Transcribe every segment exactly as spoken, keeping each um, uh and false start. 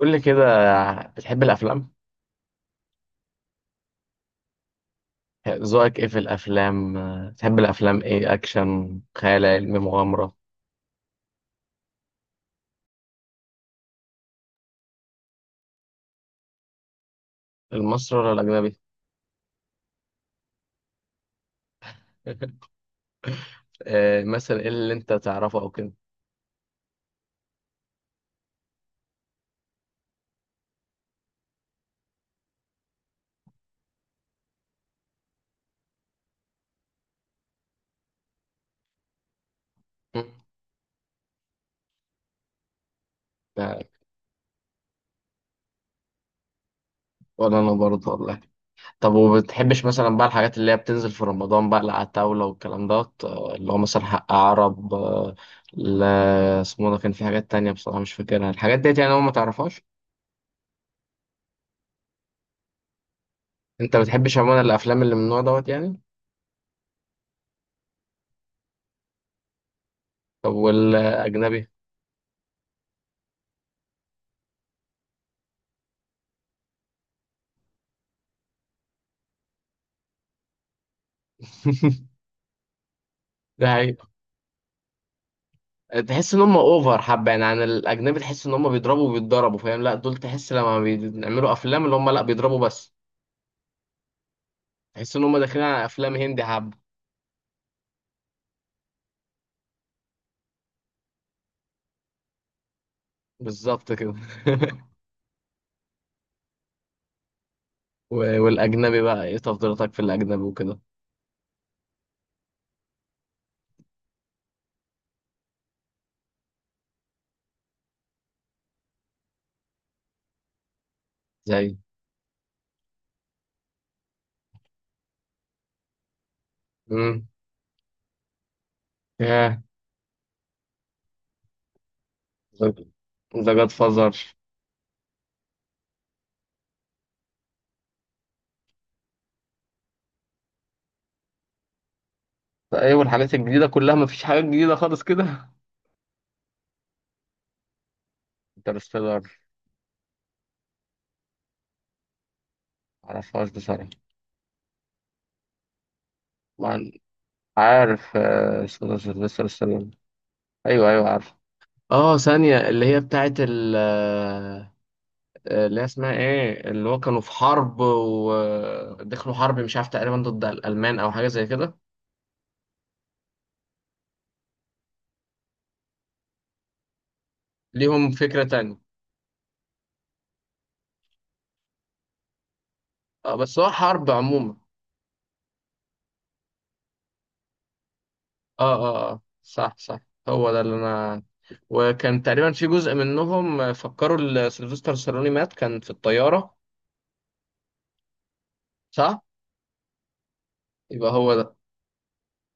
قول لي كده. بتحب الافلام؟ ذوقك ايه في الافلام؟ بتحب الافلام ايه؟ اكشن، خيال علمي، مغامره؟ المصري ولا الاجنبي؟ آه، مثلا ايه اللي انت تعرفه او كده؟ مم. لا، ولا انا برضه والله. طب وبتحبش مثلا بقى الحاجات اللي هي بتنزل في رمضان بقى اللي على الطاوله والكلام دوت آه، اللي هو مثلا حق عرب آه، لا، اسمه ده كان في حاجات تانية بصراحه مش فاكرها الحاجات ديت، يعني هو ما تعرفهاش. انت بتحبش عموما الافلام اللي من النوع دوت يعني؟ طب والاجنبي؟ ده حقيقي. تحس ان هم اوفر حبه يعني عن الاجنبي؟ تحس ان هم بيضربوا وبيتضربوا فاهم؟ لا، دول تحس لما بيعملوا افلام اللي هم لا بيضربوا بس. تحس ان هم داخلين على افلام هندي حبه. بالظبط كده. و- والاجنبي بقى، ايه تفضيلاتك في الاجنبي وكده؟ زي. امم. ياه. ذا جاد فازر. ايوه، الحاجات الجديده كلها مفيش حاجات جديده خالص كده. انترستيلر. معرفهاش بصراحه. ما- عارف آه، اسمه ده سيلفستر ستالون. ايوه، ايوه، عارف. اه، ثانية اللي هي بتاعت آه، اللي هي اسمها ايه، اللي هو كانوا في حرب ودخلوا حرب مش عارف تقريبا ضد الألمان او حاجة زي كده. ليهم فكرة تانية. اه، بس هو حرب عموما. اه، اه، اه، صح، صح. هو ده اللي انا. وكان تقريبا في جزء منهم فكروا ال- سيلفستر سالوني مات، كان في الطيارة. صح. يبقى هو ده.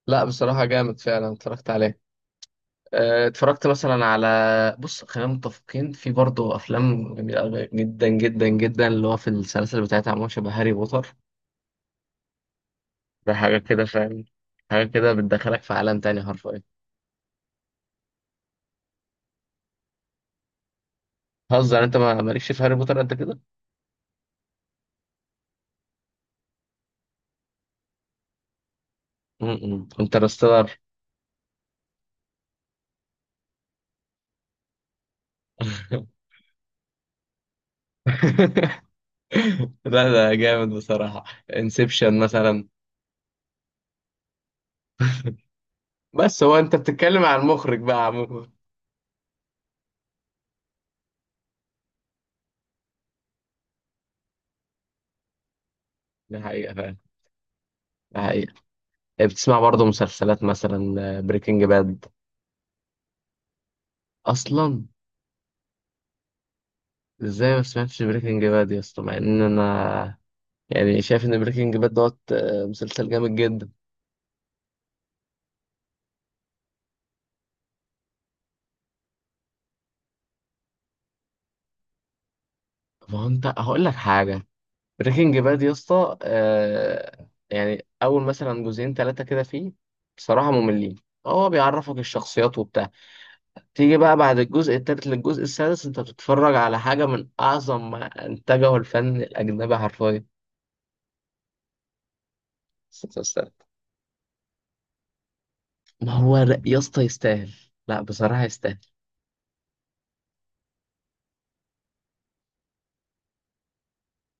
لا، بصراحة جامد فعلا اتفرجت عليه. آه، اتفرجت مثلا على بص، خلينا متفقين، في برضه افلام جميله أوي جدا جدا جدا، اللي هو في السلاسل بتاعتها عموما شبه هاري بوتر. ده حاجة كده فاهم؟ حاجة كده بتدخلك في عالم تاني حرفيا. هزر، انت ما مالكش في هاري بوتر قد كده؟ امم، انترستيلر. لا، ده جامد بصراحة. انسبشن مثلا. بس هو انت بتتكلم عن المخرج بقى عموما؟ ده حقيقة فعلا. ده حقيقة. إيه، بتسمع برضه مسلسلات مثلا؟ بريكنج باد. اصلا. ازاي ما سمعتش بريكنج باد يا اسطى مع ان انا؟ يعني شايف ان بريكنج باد دوت آه، مسلسل جامد جدا. ما هو انت هقول لك حاجة. بريكنج باد يا اسطى، آه يعني اول مثلا جزئين ثلاثه كده فيه. بصراحه مملين. هو بيعرفك الشخصيات وبتاع. تيجي بقى بعد الجزء الثالث للجزء السادس انت بتتفرج على حاجه من اعظم ما انتجه الفن الاجنبي حرفيا. يستاهل. ما هو لا يا اسطى يستاهل. لا بصراحه يستاهل.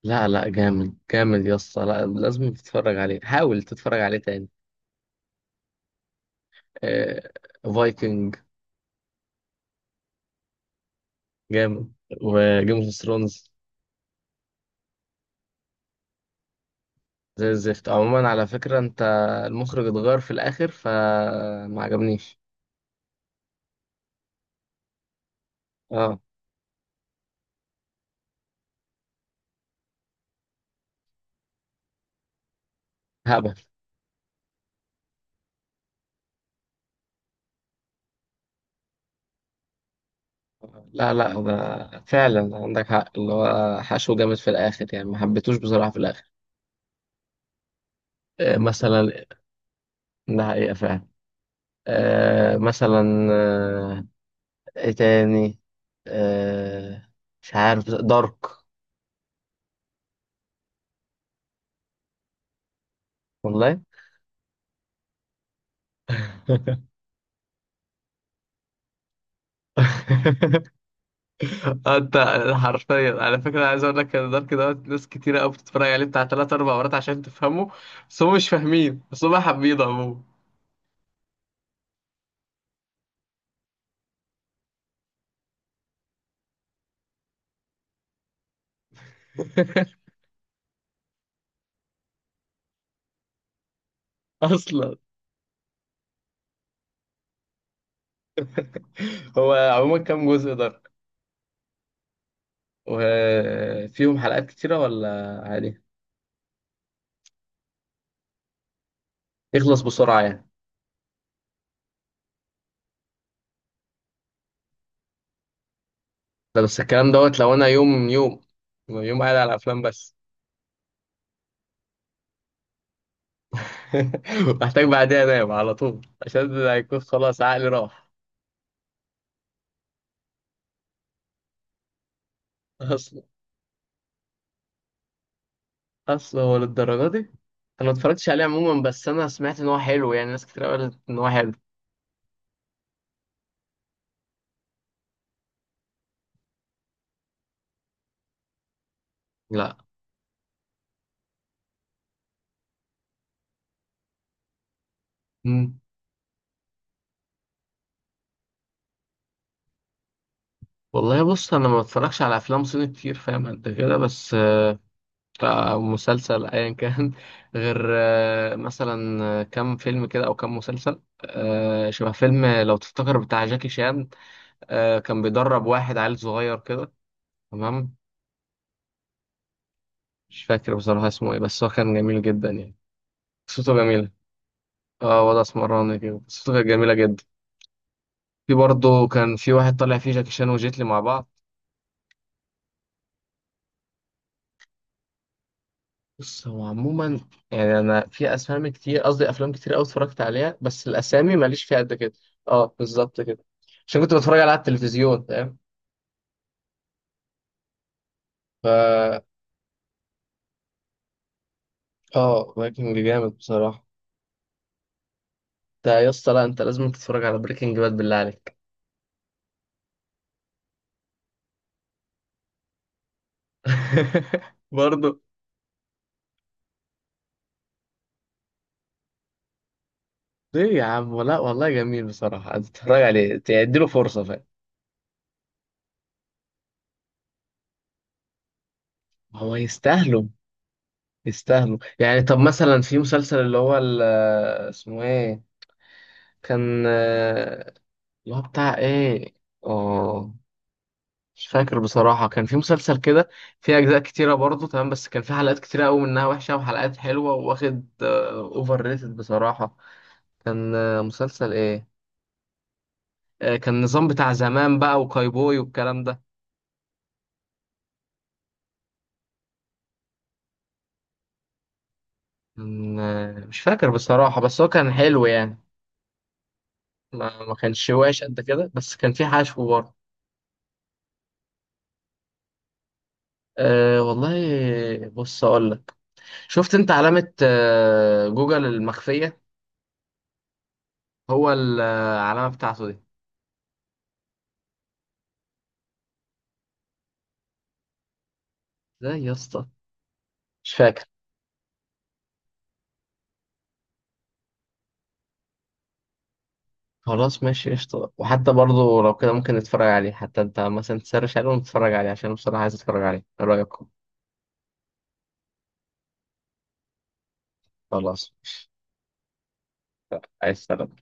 لا، لا، جامد جامد يا اسطى، لا، لازم تتفرج عليه، حاول تتفرج عليه تاني. آه فايكنج. جامد. وجيمس اوف ثرونز. زي الزفت عموما على فكرة انت. المخرج اتغير في الاخر فما عجبنيش. اه، هبل. لا، لا، ده فعلا عندك حق، اللي هو حشو جامد في الاخر، يعني ما حبيتوش بصراحة في الاخر. آه مثلا. ده حقيقة فعلا. آه مثلا، آه ايه تاني؟ آه مش عارف، دارك. والله. انت، حرفيا على فكره انا عايز اقول لك ان دارك دوت ناس كتيره قوي بتتفرج عليه بتاع ثلاث اربع مرات عشان تفهمه. بس هم مش فاهمين، بس هم حابين عموما. اصلا. هو عموما كام جزء دارك؟ وفيهم حلقات كتيره ولا عادي؟ يخلص بسرعه يعني. ده بس الكلام دوت لو انا يوم يوم، يوم قاعد على الافلام بس. محتاج بعدها انام على طول عشان هيكون خلاص عقلي راح. اصلا. اصل هو للدرجه دي؟ انا ما اتفرجتش عليه عموما بس انا سمعت ان هو حلو، يعني ناس كتير قالت ان هو حلو. لا. مم. والله بص، انا ما بتفرجش على افلام صيني كتير فاهم قد كده بس آه، آه، مسلسل ايا كان غير آه، مثلا آه، كام فيلم كده او كام مسلسل آه، شبه فيلم لو تفتكر بتاع جاكي شان. آه، كان بيدرب واحد عيل صغير كده. تمام. مش فاكر بصراحة اسمه ايه بس هو كان جميل جدا يعني. قصته جميلة. اه، وضع اسمراني كده، قصته كانت جميلة جدا. في برضه كان في واحد طالع فيه جاكي شان وجيتلي مع بعض. بص هو عموما، يعني انا في اسامي كتير، قصدي افلام كتير قوي اتفرجت عليها بس الاسامي ماليش فيها قد كده. اه، بالظبط كده. عشان كنت بتفرج عليها على التلفزيون فاهم. فا اه، بريكنج جامد بصراحه. انت يا اسطى، لا، انت لازم تتفرج على بريكنج باد بالله عليك. برضه. ليه يا عم؟ لا، والله جميل بصراحه، انت تتفرج عليه تديله فرصه فاهم. هو يستاهله. يستاهلوا يعني. طب مثلا في مسلسل اللي هو ال- اسمه ايه، كان آه، اللي هو بتاع ايه؟ اه، مش فاكر بصراحة، كان في مسلسل كده. فيه أجزاء كتيرة برضه، تمام، بس كان في حلقات كتيرة أوي منها وحشة وحلقات حلوة، وواخد أوفر ريتد بصراحة. كان آه، مسلسل ايه؟ آه، كان نظام بتاع زمان بقى وكايبوي والكلام ده. كان آه، مش فاكر بصراحة بس هو كان حلو يعني. ما ما كانش واش قد كده بس كان في حشو برضه. أه والله، بص أقول لك، شفت أنت علامة آه، جوجل المخفية؟ هو العلامة بتاعته دي. ازاي يا اسطى؟ مش فاكر. خلاص ماشي قشطة، وحتى برضه لو كده ممكن نتفرج عليه، حتى انت مثلا تسرش عليه ونتفرج عليه عشان أنا بصراحة عايز اتفرج عليه، ايه رأيك؟ خلاص ماشي. عايز سلام.